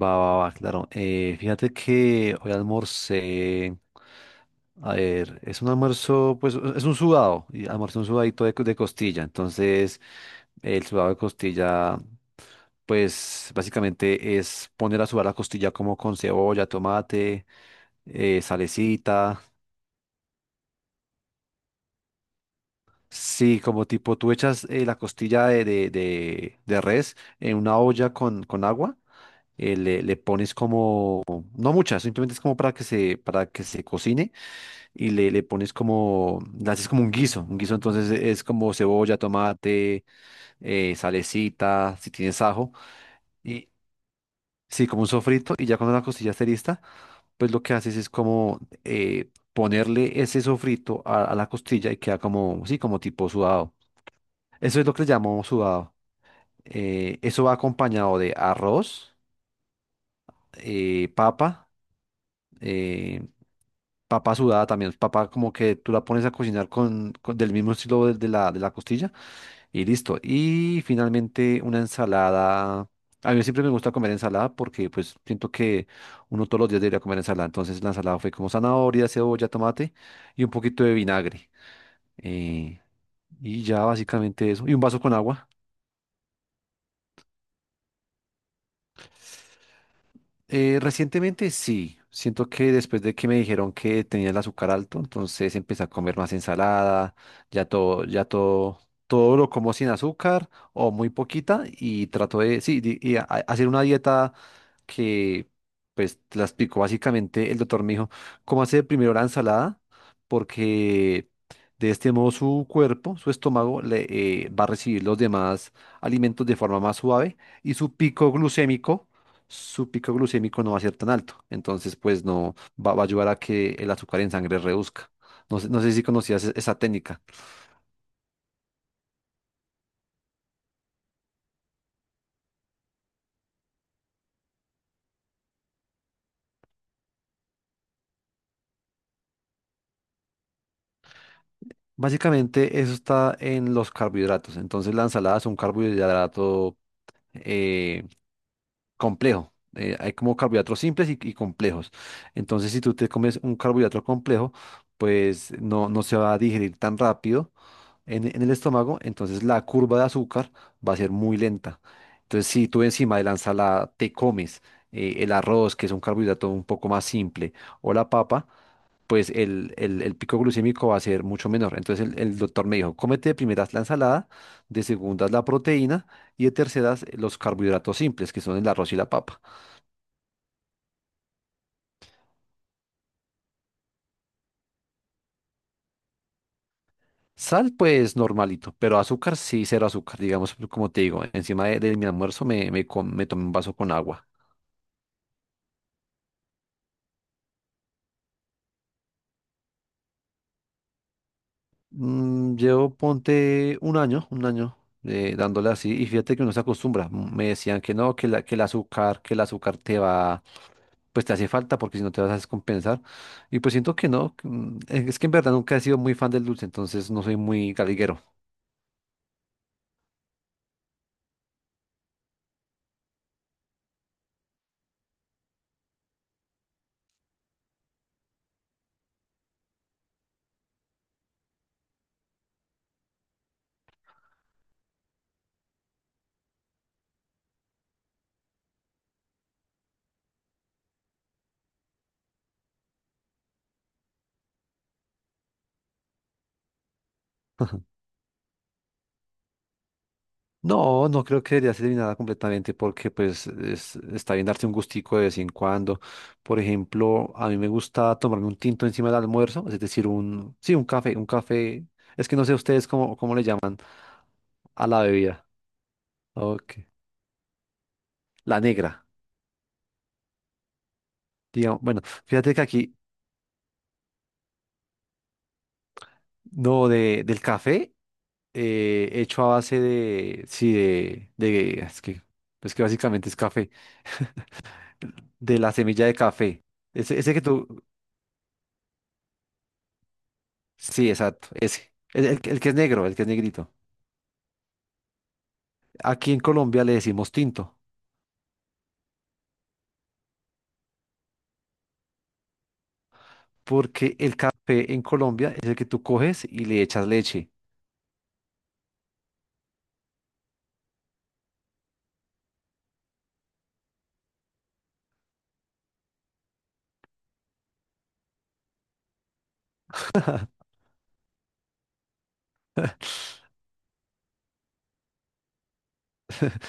Va, va, va, claro. Fíjate que hoy almorcé. A ver, es un almuerzo, pues es un sudado. Y almuerzo un sudadito de costilla. Entonces, el sudado de costilla, pues básicamente es poner a sudar la costilla como con cebolla, tomate, salecita. Sí, como tipo tú echas la costilla de res en una olla con agua, le pones como. No muchas, simplemente es como para que se, cocine y le pones como, le haces como un guiso. Un guiso entonces es como cebolla, tomate, salecita, si tienes ajo, y sí, como un sofrito. Y ya cuando la costilla esté lista, pues lo que haces es como ponerle ese sofrito a la costilla y queda como, sí, como tipo sudado. Eso es lo que le llamamos sudado. Eso va acompañado de arroz, papa. eh, Papa sudada también, papa como que tú la pones a cocinar del mismo estilo de la costilla y listo. Y finalmente una ensalada. A mí siempre me gusta comer ensalada porque pues siento que uno todos los días debería comer ensalada. Entonces la ensalada fue como zanahoria, cebolla, tomate y un poquito de vinagre. Eh, y ya básicamente eso. Y un vaso con agua. Recientemente sí, siento que después de que me dijeron que tenía el azúcar alto, entonces empecé a comer más ensalada, ya todo, ya todo, todo lo como sin azúcar o muy poquita y trato de, sí, hacer una dieta que, pues, te la explicó básicamente el doctor me dijo, cómo hacer primero la ensalada, porque de este modo su cuerpo, su estómago, va a recibir los demás alimentos de forma más suave y su pico glucémico no va a ser tan alto. Entonces, pues no va a ayudar a que el azúcar en sangre reduzca. No sé, no sé si conocías esa técnica. Básicamente, eso está en los carbohidratos. Entonces, la ensalada es un carbohidrato eh, complejo. Hay como carbohidratos simples y complejos. Entonces, si tú te comes un carbohidrato complejo, pues no se va a digerir tan rápido en el estómago, entonces la curva de azúcar va a ser muy lenta. Entonces, si tú encima de la ensalada te comes el arroz, que es un carbohidrato un poco más simple, o la papa, pues el pico glucémico va a ser mucho menor. Entonces el doctor me dijo, cómete de primeras la ensalada, de segundas la proteína y de terceras los carbohidratos simples, que son el arroz y la papa. Sal, pues normalito, pero azúcar sí, cero azúcar. Digamos, pues, como te digo, encima de mi almuerzo me tomé un vaso con agua. Llevo, ponte un año, dándole así y fíjate que uno se acostumbra. Me decían que no, que el azúcar te va, pues te hace falta porque si no te vas a descompensar. Y pues siento que no, es que en verdad nunca he sido muy fan del dulce, entonces no soy muy galiguero. No, no creo que debería ser eliminada completamente porque pues está bien darse un gustico de vez en cuando. Por ejemplo, a mí me gusta tomarme un tinto encima del almuerzo, es decir, sí, un café. Es que no sé ustedes cómo le llaman a la bebida. Ok. La negra. Digamos, bueno, fíjate que aquí, no, del café, hecho a base de, sí, es que básicamente es café, de la semilla de café. Ese que tú, sí, exacto, ese. El que es negro, el que es negrito. Aquí en Colombia le decimos tinto, porque el café en Colombia es el que tú coges y le echas leche.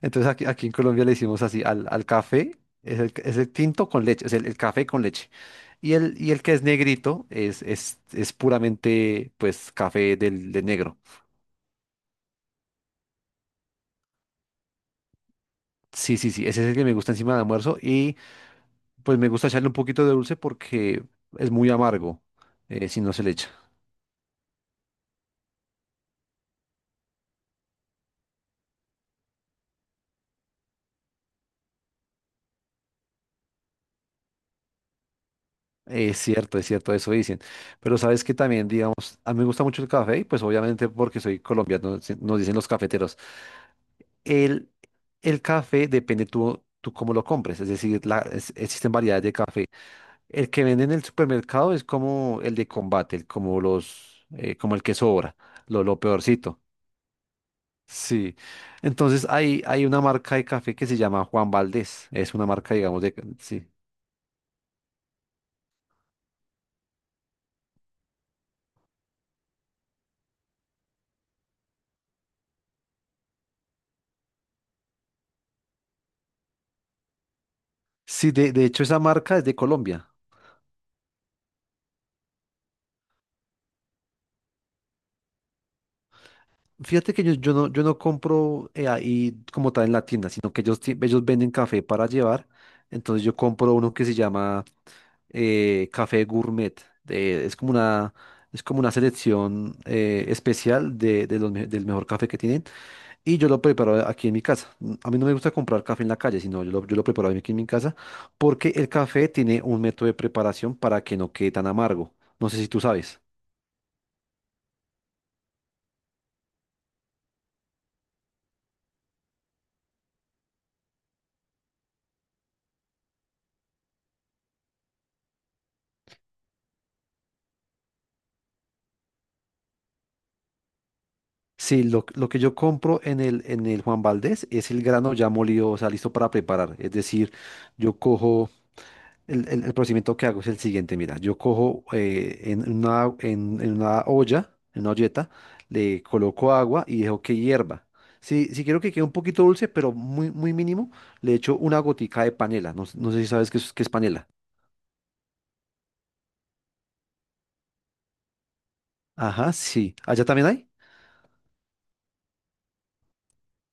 Entonces aquí en Colombia le decimos así al café, es el tinto con leche, es el café con leche. Y el que es negrito es puramente pues café de negro. Sí, sí, sí, ese es el que me gusta encima del almuerzo y pues me gusta echarle un poquito de dulce porque es muy amargo si no se le echa. Es cierto, eso dicen. Pero sabes que también, digamos, a mí me gusta mucho el café y pues obviamente porque soy colombiano, nos dicen los cafeteros. El, el café depende tú, cómo lo compres, es decir, existen variedades de café. El que venden en el supermercado es como el de combate, como los, como el que sobra, lo peorcito. Sí. Entonces hay una marca de café que se llama Juan Valdés. Es una marca, digamos, de sí. Sí, de hecho esa marca es de Colombia. Fíjate que yo no compro ahí como tal en la tienda, sino que ellos venden café para llevar. Entonces yo compro uno que se llama café gourmet. de- es como una, es como una selección especial del mejor café que tienen. Y yo lo preparo aquí en mi casa. A mí no me gusta comprar café en la calle, sino yo lo preparo aquí en mi casa porque el café tiene un método de preparación para que no quede tan amargo. No sé si tú sabes. Sí, lo que yo compro en el Juan Valdés es el grano ya molido, o sea, listo para preparar. Es decir, yo cojo... El procedimiento que hago es el siguiente, mira, yo cojo en una, en una olla, en una olleta, le coloco agua y dejo que hierva. Si quiero que quede un poquito dulce, pero muy, muy mínimo, le echo una gotica de panela. No, no sé si sabes qué es, panela. Ajá, sí. ¿Allá también hay?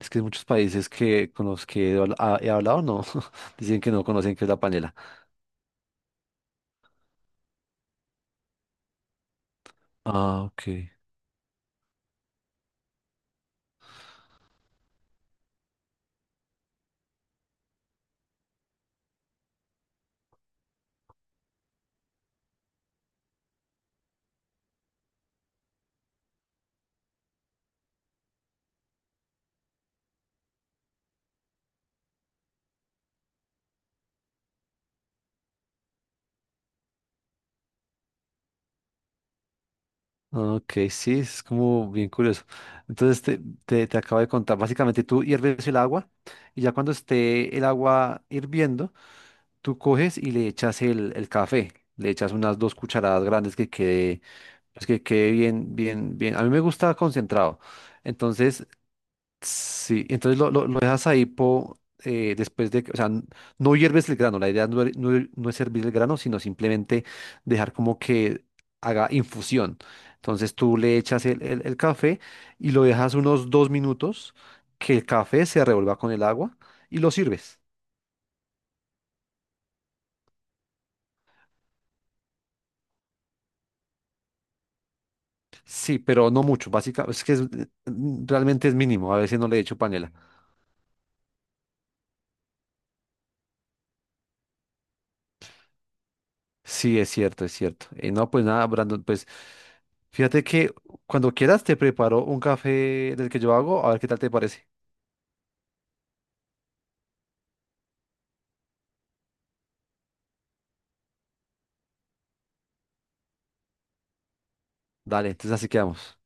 Es que hay muchos países que con los que he hablado no dicen que no conocen qué es la panela. Ah, ok. Ok, sí, es como bien curioso. Entonces te acabo de contar, básicamente tú hierves el agua y ya cuando esté el agua hirviendo, tú coges y le echas el café, le echas unas 2 cucharadas grandes pues que quede bien, bien, bien. A mí me gusta concentrado. Entonces Sí, entonces lo dejas ahí po, después de, que- o sea, n- no hierves el grano, la idea no es hervir el grano, sino simplemente dejar como que haga infusión. Entonces tú le echas el café y lo dejas unos 2 minutos, que el café se revuelva con el agua y lo sirves. Sí, pero no mucho, básicamente, realmente es mínimo, a veces no le echo panela. Sí, es cierto, es cierto. No, pues nada, Brandon, pues fíjate que cuando quieras te preparo un café del que yo hago, a ver qué tal te parece. Dale, entonces así quedamos.